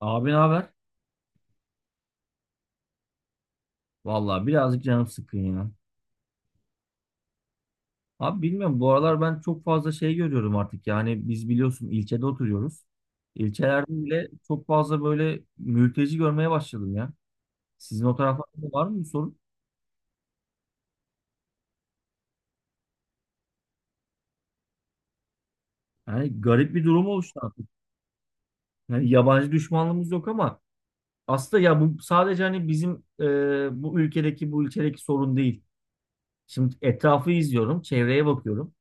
Abi ne haber? Vallahi birazcık canım sıkkın ya. Abi bilmiyorum bu aralar ben çok fazla şey görüyorum artık. Yani biz biliyorsun ilçede oturuyoruz. İlçelerde bile çok fazla böyle mülteci görmeye başladım ya. Sizin o taraflarda da var mı bu sorun? Yani garip bir durum oluştu artık. Yani yabancı düşmanlığımız yok ama aslında ya bu sadece hani bizim bu ülkedeki bu ilçedeki sorun değil. Şimdi etrafı izliyorum, çevreye bakıyorum.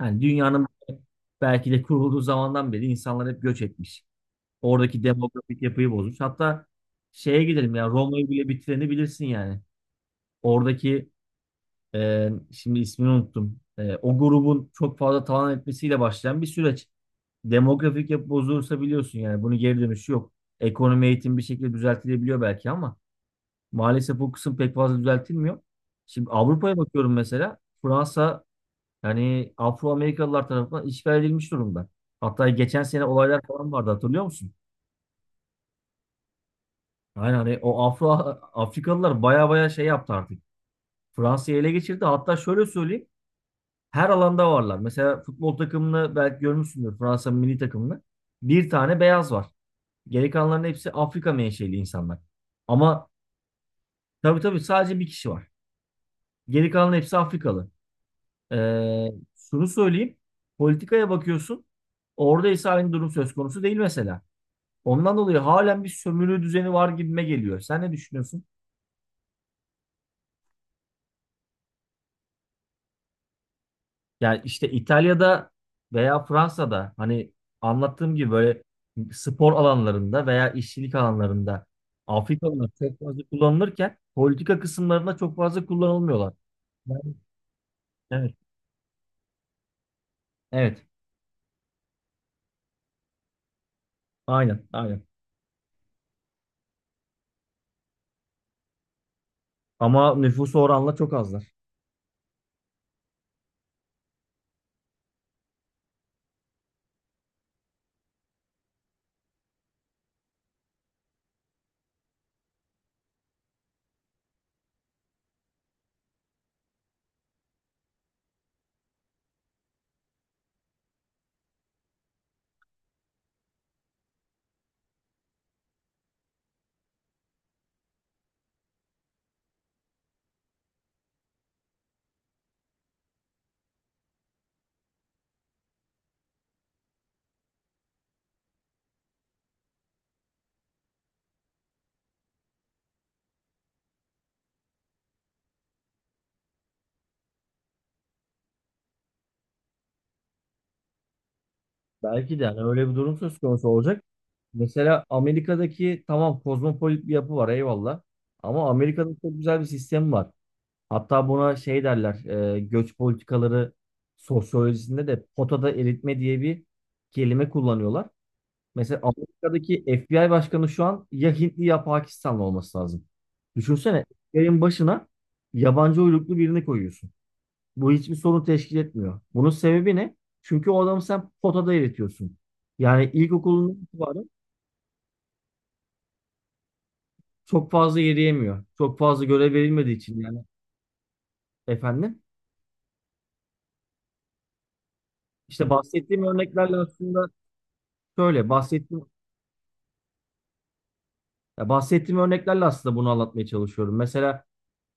Yani dünyanın belki de kurulduğu zamandan beri insanlar hep göç etmiş. Oradaki demografik yapıyı bozmuş. Hatta şeye gidelim ya Roma'yı bile bitireni bilirsin yani. Oradaki şimdi ismini unuttum. O grubun çok fazla talan etmesiyle başlayan bir süreç. Demografik yapı bozulursa biliyorsun yani bunun geri dönüşü yok. Ekonomi eğitim bir şekilde düzeltilebiliyor belki ama maalesef bu kısım pek fazla düzeltilmiyor. Şimdi Avrupa'ya bakıyorum mesela Fransa yani Afro-Amerikalılar tarafından işgal edilmiş durumda. Hatta geçen sene olaylar falan vardı hatırlıyor musun? Aynen hani o Afro Afrikalılar baya baya şey yaptı artık. Fransa'yı ele geçirdi. Hatta şöyle söyleyeyim. Her alanda varlar. Mesela futbol takımını belki görmüşsündür. Fransa milli takımını. Bir tane beyaz var. Geri kalanların hepsi Afrika menşeli insanlar. Ama tabii tabii sadece bir kişi var. Geri kalanların hepsi Afrikalı. Ee, şunu söyleyeyim. Politikaya bakıyorsun. Orada ise aynı durum söz konusu değil mesela. Ondan dolayı halen bir sömürü düzeni var gibime geliyor. Sen ne düşünüyorsun? Yani işte İtalya'da veya Fransa'da hani anlattığım gibi böyle spor alanlarında veya işçilik alanlarında Afrikalılar çok fazla kullanılırken politika kısımlarında çok fazla kullanılmıyorlar. Ben- Evet. Evet. Aynen. Aynen. Ama nüfusu oranla çok azlar. Belki de yani öyle bir durum söz konusu olacak. Mesela Amerika'daki tamam kozmopolit bir yapı var eyvallah. Ama Amerika'da çok güzel bir sistem var. Hatta buna şey derler, göç politikaları sosyolojisinde de potada eritme diye bir kelime kullanıyorlar. Mesela Amerika'daki FBI başkanı şu an ya Hintli ya Pakistanlı olması lazım. Düşünsene, yayın başına yabancı uyruklu birini koyuyorsun. Bu hiçbir sorun teşkil etmiyor. Bunun sebebi ne? Çünkü o adamı sen potada eritiyorsun. Yani ilkokulundan itibaren çok fazla yürüyemiyor. Çok fazla görev verilmediği için yani efendim. İşte bahsettiğim örneklerle aslında Şöyle bahsettiğim Ya bahsettiğim örneklerle aslında bunu anlatmaya çalışıyorum. Mesela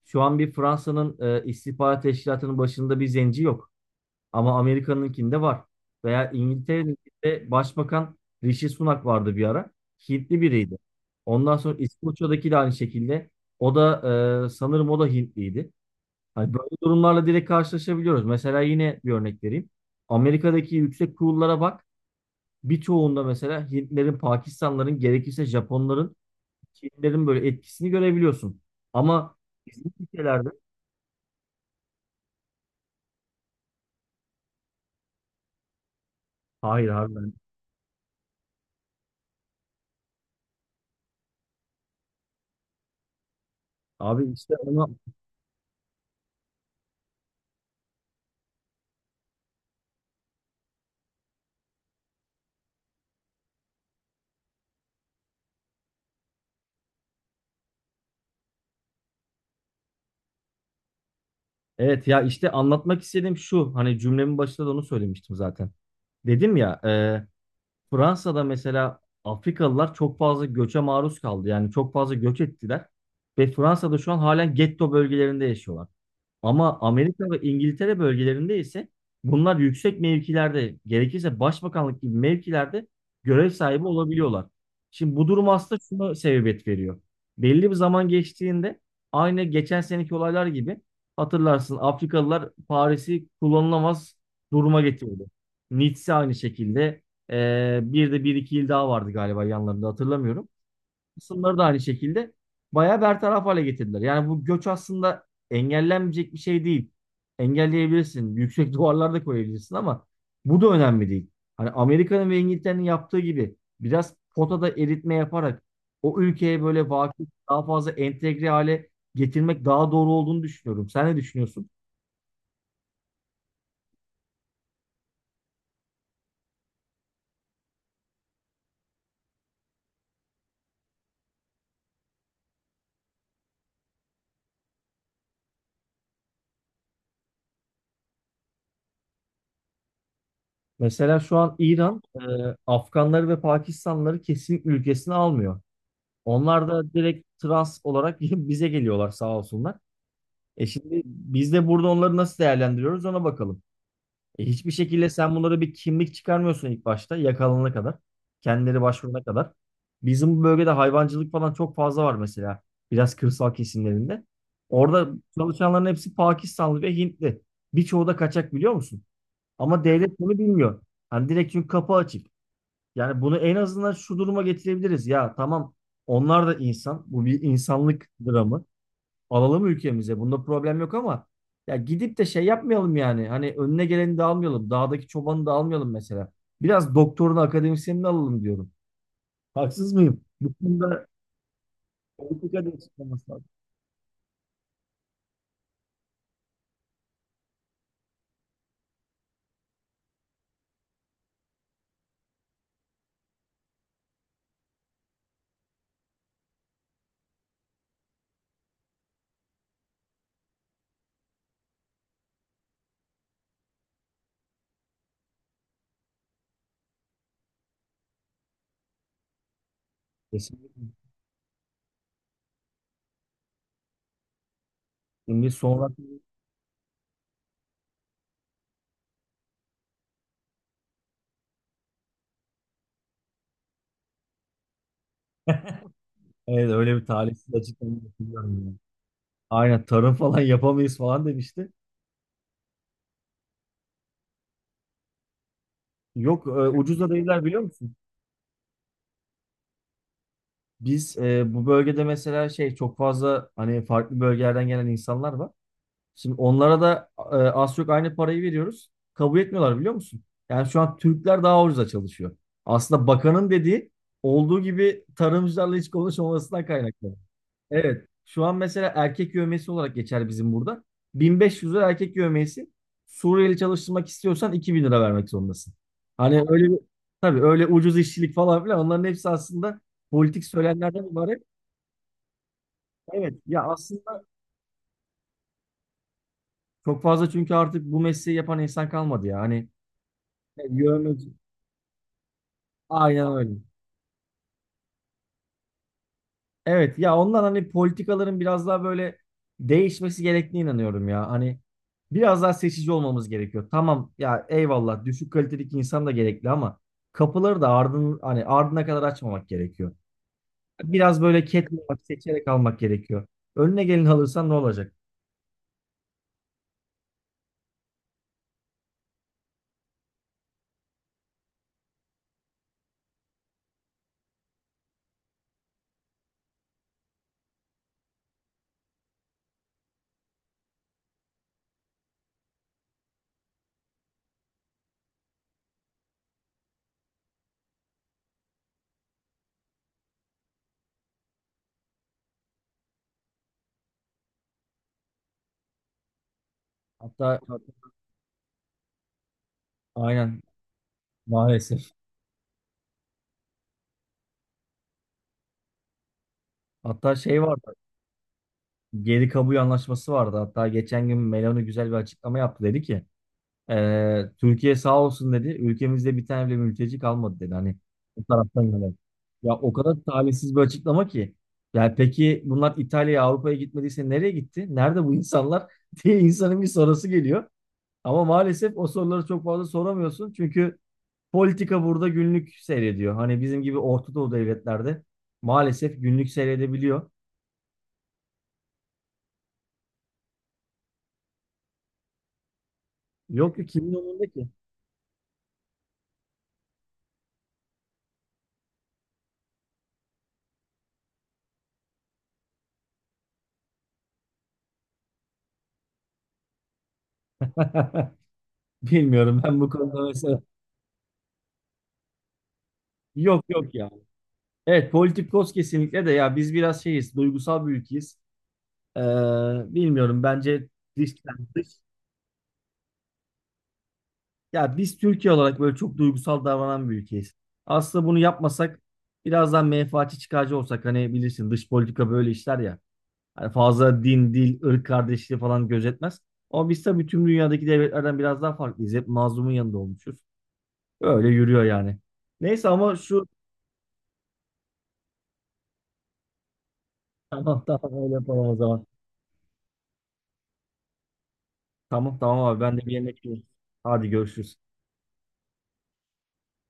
şu an bir Fransa'nın istihbarat teşkilatının başında bir zenci yok. Ama Amerika'nınkinde var. Veya İngiltere'de başbakan Rishi Sunak vardı bir ara. Hintli biriydi. Ondan sonra İskoçya'daki de aynı şekilde. O da sanırım o da Hintliydi. Hani böyle durumlarla direkt karşılaşabiliyoruz. Mesela yine bir örnek vereyim. Amerika'daki yüksek kurullara bak. Birçoğunda mesela Hintlerin, Pakistanların, gerekirse Japonların şeylerin böyle etkisini görebiliyorsun. Ama bizim ülkelerde hayır harbiden. Abi işte onu evet ya işte anlatmak istediğim şu hani cümlemin başında da onu söylemiştim zaten. Dedim ya Fransa'da mesela Afrikalılar çok fazla göçe maruz kaldı. Yani çok fazla göç ettiler. Ve Fransa'da şu an halen getto bölgelerinde yaşıyorlar. Ama Amerika ve İngiltere bölgelerinde ise bunlar yüksek mevkilerde, gerekirse başbakanlık gibi mevkilerde görev sahibi olabiliyorlar. Şimdi bu durum aslında şuna sebebiyet veriyor. Belli bir zaman geçtiğinde aynı geçen seneki olaylar gibi hatırlarsın Afrikalılar Paris'i kullanılamaz duruma getirdi. Nice aynı şekilde. Bir de bir iki il daha vardı galiba yanlarında hatırlamıyorum kısımları da aynı şekilde bayağı bertaraf hale getirdiler. Yani bu göç aslında engellenmeyecek bir şey değil. Engelleyebilirsin. Yüksek duvarlar da koyabilirsin ama bu da önemli değil. Hani Amerika'nın ve İngiltere'nin yaptığı gibi biraz potada eritme yaparak o ülkeye böyle vakıf daha fazla entegre hale getirmek daha doğru olduğunu düşünüyorum. Sen ne düşünüyorsun? Mesela şu an İran Afganları ve Pakistanlıları kesin ülkesine almıyor. Onlar da direkt trans olarak bize geliyorlar sağ olsunlar. Şimdi biz de burada onları nasıl değerlendiriyoruz ona bakalım. Hiçbir şekilde sen bunlara bir kimlik çıkarmıyorsun ilk başta yakalanana kadar. Kendileri başvurana kadar. Bizim bu bölgede hayvancılık falan çok fazla var mesela. Biraz kırsal kesimlerinde. Orada çalışanların hepsi Pakistanlı ve Hintli. Birçoğu da kaçak biliyor musun? Ama devlet bunu bilmiyor. Hani direkt çünkü kapı açık. Yani bunu en azından şu duruma getirebiliriz. Ya tamam onlar da insan. Bu bir insanlık dramı. Alalım ülkemize. Bunda problem yok ama ya gidip de şey yapmayalım yani. Hani önüne geleni de almayalım. Dağdaki çobanı da almayalım mesela. Biraz doktorunu, akademisyenini alalım diyorum. Haksız mıyım? Bu konuda politika da açıklaması lazım. Kesinlikle. Şimdi sonra evet, öyle bir talihsiz açıklama yapıyorum yani. Aynen tarım falan yapamayız falan demişti. Yok ucuza değiller biliyor musun? Biz bu bölgede mesela şey çok fazla hani farklı bölgelerden gelen insanlar var. Şimdi onlara da az çok aynı parayı veriyoruz. Kabul etmiyorlar biliyor musun? Yani şu an Türkler daha ucuza çalışıyor. Aslında bakanın dediği olduğu gibi tarımcılarla hiç konuşmamasından kaynaklı. Evet. Şu an mesela erkek yövmiyesi olarak geçer bizim burada. 1.500 lira erkek yövmiyesi. Suriyeli çalıştırmak istiyorsan 2.000 lira vermek zorundasın. Hani öyle bir, tabii öyle ucuz işçilik falan filan onların hepsi aslında politik söylemlerden ibaret. Evet ya aslında çok fazla çünkü artık bu mesleği yapan insan kalmadı ya. Hani Yönetici. Aynen öyle. Evet ya ondan hani politikaların biraz daha böyle değişmesi gerektiğine inanıyorum ya. Hani biraz daha seçici olmamız gerekiyor. Tamam ya eyvallah düşük kalitelik insan da gerekli ama kapıları da ardın hani ardına kadar açmamak gerekiyor. Biraz böyle ketlemek, seçerek almak gerekiyor. Önüne gelin alırsan ne olacak? Hatta aynen maalesef. Hatta şey vardı. Geri kabul anlaşması vardı. Hatta geçen gün Meloni güzel bir açıklama yaptı dedi ki Türkiye sağ olsun dedi. Ülkemizde bir tane bile mülteci kalmadı dedi. Hani bu taraftan yana. Ya o kadar talihsiz bir açıklama ki. Ya peki bunlar İtalya'ya, Avrupa'ya gitmediyse nereye gitti? Nerede bu insanlar diye insanın bir sorusu geliyor. Ama maalesef o soruları çok fazla soramıyorsun. Çünkü politika burada günlük seyrediyor. Hani bizim gibi Orta Doğu devletlerde maalesef günlük seyredebiliyor. Yok ki kimin umurunda ki? Bilmiyorum ben bu konuda mesela. Yok yok ya. Evet Politikos kesinlikle de ya biz biraz şeyiz duygusal bir ülkeyiz. Ee, bilmiyorum bence dış ya biz Türkiye olarak böyle çok duygusal davranan bir ülkeyiz. Aslında bunu yapmasak biraz daha menfaatçi çıkarcı olsak hani bilirsin dış politika böyle işler ya. Hani fazla din, dil, ırk kardeşliği falan gözetmez. Ama biz tabii tüm dünyadaki devletlerden biraz daha farklıyız. Hep mazlumun yanında olmuşuz. Öyle yürüyor yani. Neyse ama tamam tamam öyle yapalım o zaman. Tamam tamam abi ben de bir yemek yiyeyim. Hadi görüşürüz.